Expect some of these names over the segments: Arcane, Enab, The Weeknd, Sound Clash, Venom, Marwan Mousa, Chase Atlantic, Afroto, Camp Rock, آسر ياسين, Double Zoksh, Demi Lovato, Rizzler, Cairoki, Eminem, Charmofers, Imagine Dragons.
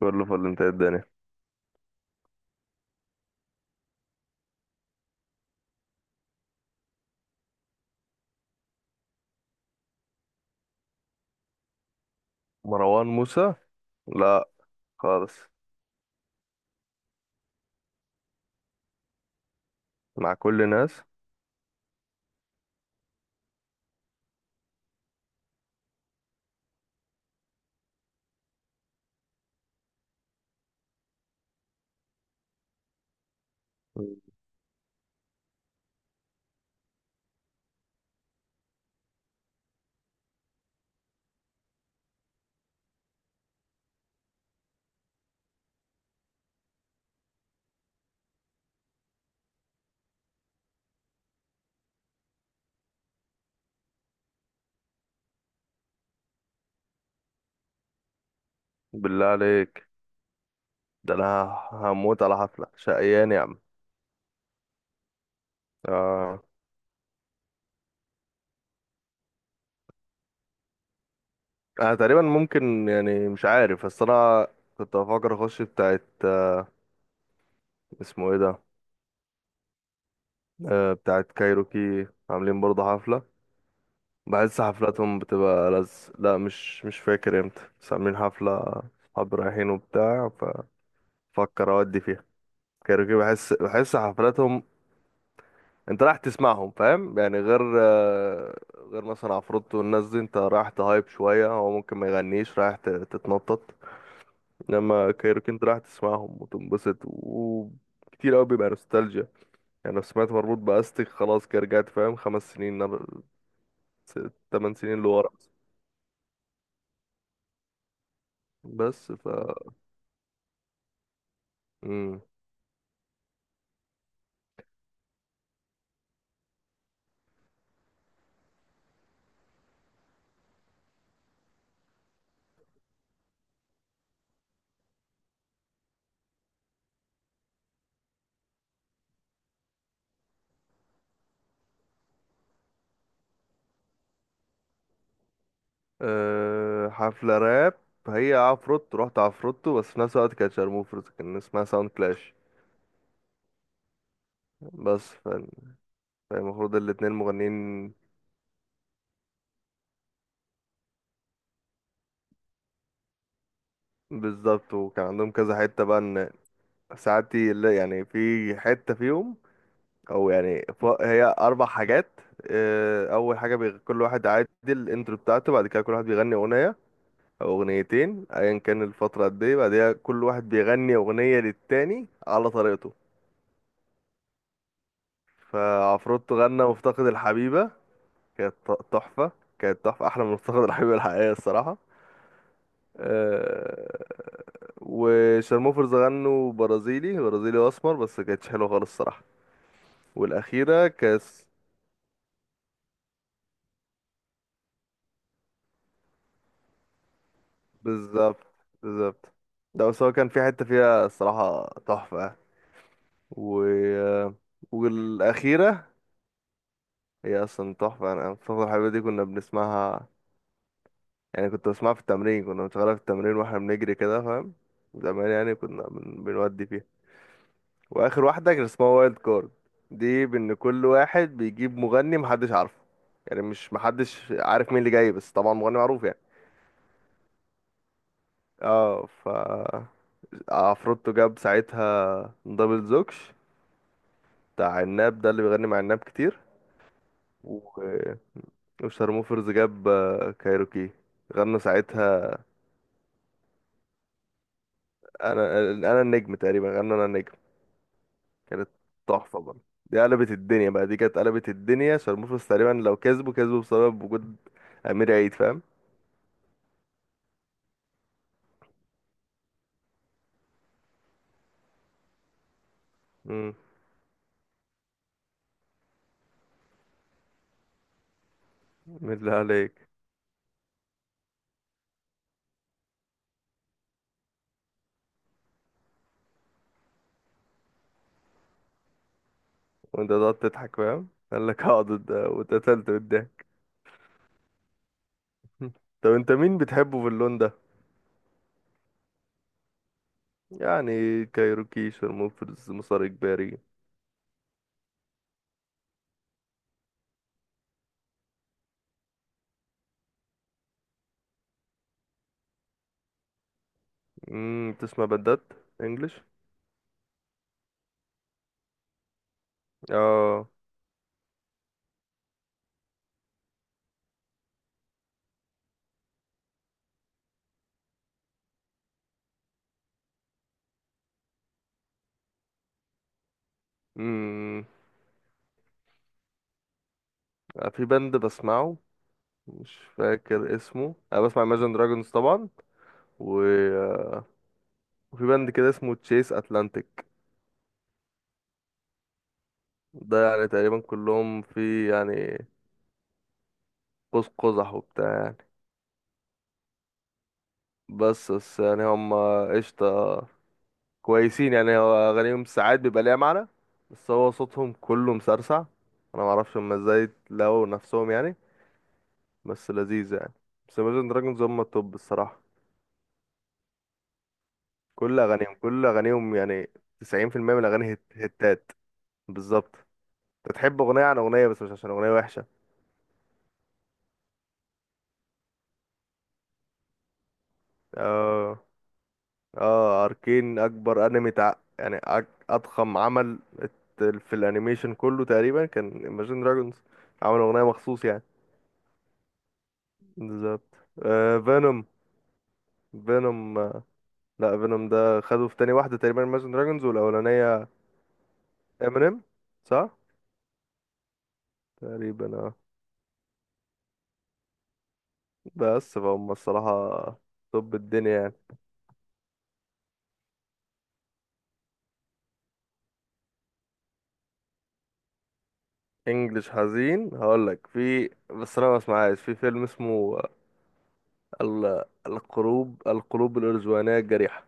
كله فل. انت ايه الدنيا؟ مروان موسى، لا خالص. مع كل الناس. مم. بالله عليك، ده انا هموت على حفلة شقيان يا عم. آه. انا تقريبا ممكن يعني، مش عارف بس انا كنت بفكر اخش بتاعت اسمه ايه ده، آه بتاعت كايروكي، عاملين برضه حفلة. بحس حفلاتهم بتبقى لا مش فاكر امتى، بس عاملين حفلة. صحابي رايحين وبتاع، ففكر اودي فيها. كايروكي، بحس حفلاتهم. انت رايح تسمعهم فاهم يعني، غير غير مثلا عفروتو والناس دي، انت رايح تهايب شوية، هو ممكن ما يغنيش، رايح تتنطط. انما كايروكي انت رايح تسمعهم وتنبسط، وكتير قوي بيبقى نوستالجيا. يعني لو سمعت مربوط بأستك، خلاص كده رجعت فاهم 5 سنين 8 سنين لورا. بس مم. أه حفلة راب، هي عفروتو، رحت عفروتو بس في نفس الوقت كانت شارموفرز، كان اسمها ساوند كلاش. بس فالمفروض الاتنين مغنيين. بالظبط، وكان عندهم كذا حتة بقى ان ساعات يعني في حتة فيهم، او يعني هي 4 حاجات. آه، اول حاجة كل واحد عادي الانترو بتاعته. بعد كده كل واحد بيغني اغنية او اغنيتين، ايا كان الفترة قد ايه. بعدها كل واحد بيغني اغنية للتاني على طريقته. فعفروتو غنى مفتقد الحبيبة، كانت تحفة. كانت تحفة احلى من مفتقد الحبيبة الحقيقية الصراحة. آه، وشارموفرز غنوا برازيلي برازيلي واسمر، بس كانتش حلوة خالص الصراحة. والأخيرة كاس. بالظبط، بالظبط. ده بس هو كان في حتة فيها الصراحة تحفة. و... والأخيرة، هي أصلا تحفة. أنا فاكر الحلوة دي كنا بنسمعها، يعني كنت بسمعها في التمرين، كنا بنشغلها في التمرين واحنا بنجري كده فاهم. زمان يعني كنا بنودي فيها. وآخر واحدة كان اسمها وايلد كارد، دي بإن كل واحد بيجيب مغني محدش عارفه. يعني مش محدش عارف مين اللي جاي، بس طبعا مغني معروف يعني. اه، عفروتو جاب ساعتها دبل زوكش، بتاع عناب، ده اللي بيغني مع عناب كتير. و- وشارموفرز جاب كايروكي، غنوا ساعتها انا انا النجم تقريبا، غنوا انا النجم. كانت تحفة برضه. دي قلبت الدنيا بقى، دي كانت قلبت الدنيا. شارموفرز تقريبا لو كسبوا، كسبوا بسبب وجود امير عيد فاهم. امم. بالله عليك. وانت تقعد تضحك فاهم، قال لك اقعد واتقتلت قدامك. طب انت مين بتحبه في اللون ده؟ يعني كايروكي، شرموفرز، مسار اجباري. امم. تسمع بندات انجلش؟ اه. امم. في بند بسمعه مش فاكر اسمه، انا بسمع Imagine Dragons طبعا، و... وفي بند كده اسمه تشيس اتلانتيك. ده يعني تقريبا كلهم في يعني قوس قزح وبتاع يعني. بس يعني هم قشطة، كويسين يعني. هو أغانيهم ساعات بيبقى ليها معنى، بس هو صوتهم كله مسرسع. أنا معرفش هما ازاي لقوا نفسهم يعني، بس لذيذ يعني. بس Imagine Dragons هم التوب الصراحة. كل أغانيهم، كل أغانيهم يعني، 90% من الأغاني هتات. بالظبط. أنت تحب أغنية عن أغنية، بس مش عشان أغنية وحشة. اه اه، أركين أكبر أنمي يعني أضخم عمل في الأنيميشن كله تقريبا، كان Imagine Dragons عمل أغنية مخصوص يعني. بالظبط. آه فينوم، فينوم. آه، لا فينوم ده خده في تاني واحدة تقريبا Imagine Dragons، والأولانية Eminem صح؟ تقريبا اه، بس فهم الصراحة. طب الدنيا يعني. انجلش حزين هقولك في. بس انا ما اسمعهاش، في فيلم اسمه القلوب، الارزوانية الجريحة.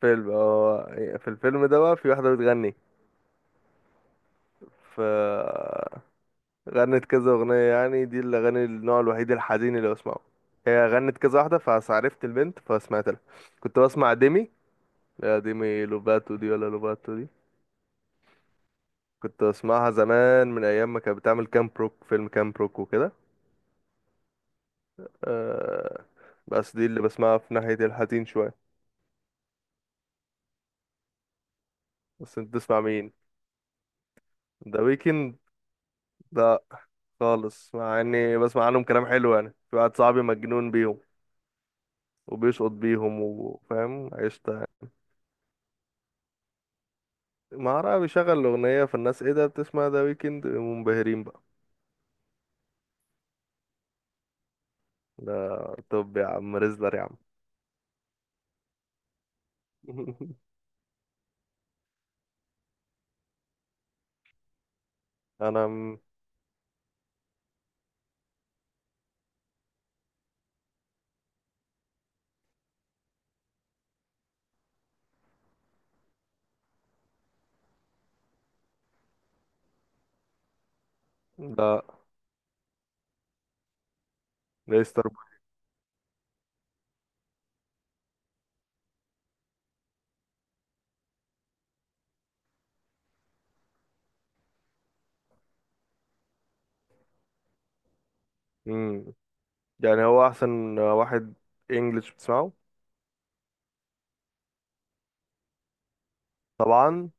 فيلم هو، في الفيلم ده بقى في واحدة بتغني، ف غنت كذا اغنية. يعني دي الاغاني، النوع الوحيد الحزين اللي بسمعه. هي غنت كذا واحدة، فعرفت البنت فسمعت لها. كنت بسمع ديمي، لا ديمي لوباتو دي ولا لوباتو دي. كنت بسمعها زمان من ايام ما كانت بتعمل كام بروك، فيلم كام بروك وكده. آه. بس دي اللي بسمعها في ناحية الحزين شوية. بس انت بتسمع مين؟ ذا ويكند؟ لا، خالص. مع اني بسمع عنهم كلام حلو، يعني في واحد صاحبي مجنون بيهم وبيشقط بيهم وفاهم عشت يعني. ما أعرف، بيشغل الأغنية فالناس ايه ده بتسمع ذا ويكند، منبهرين بقى. ده طب يا عم ريزلر يا عم. انا م- لا ليستر. امم. يعني هو احسن واحد انجلش بتسمعه؟ طبعا.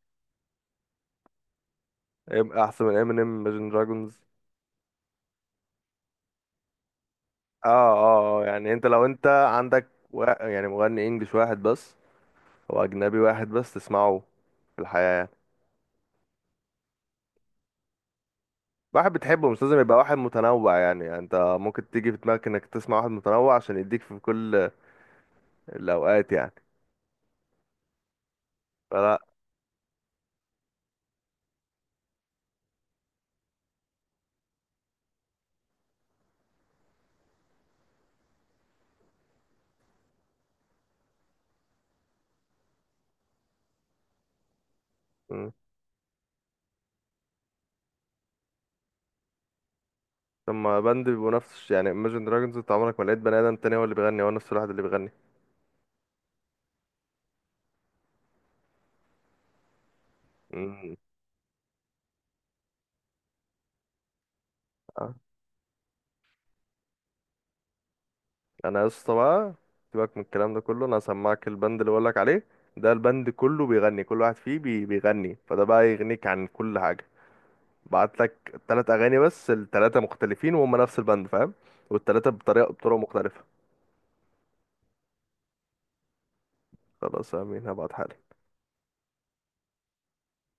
هيبقى احسن من امينيم، Imagine دراجونز؟ اه اه، آه، يعني انت لو انت عندك يعني مغني انجليش واحد بس او اجنبي واحد بس تسمعه في الحياة يعني. واحد بتحبه مش لازم يبقى واحد متنوع يعني، يعني انت ممكن تيجي في دماغك انك تسمع واحد متنوع عشان يديك في كل الاوقات يعني. فلا. مم. لما باند بيبقوا نفس، يعني Imagine Dragons انت عمرك ما لقيت بني ادم تاني هو اللي بيغني، هو نفس الواحد اللي بيغني. مم. انا يا اسطى بقى، سيبك من الكلام ده كله، انا هسمعك البند اللي بقولك عليه. ده البند كله بيغني، كل واحد فيه بيغني، فده بقى يغنيك عن كل حاجه. بعتلك 3 اغاني، بس التلاتة مختلفين وهم نفس البند فاهم. والتلاتة بطريقه، بطرق مختلفه. خلاص امين هبعت حاجة.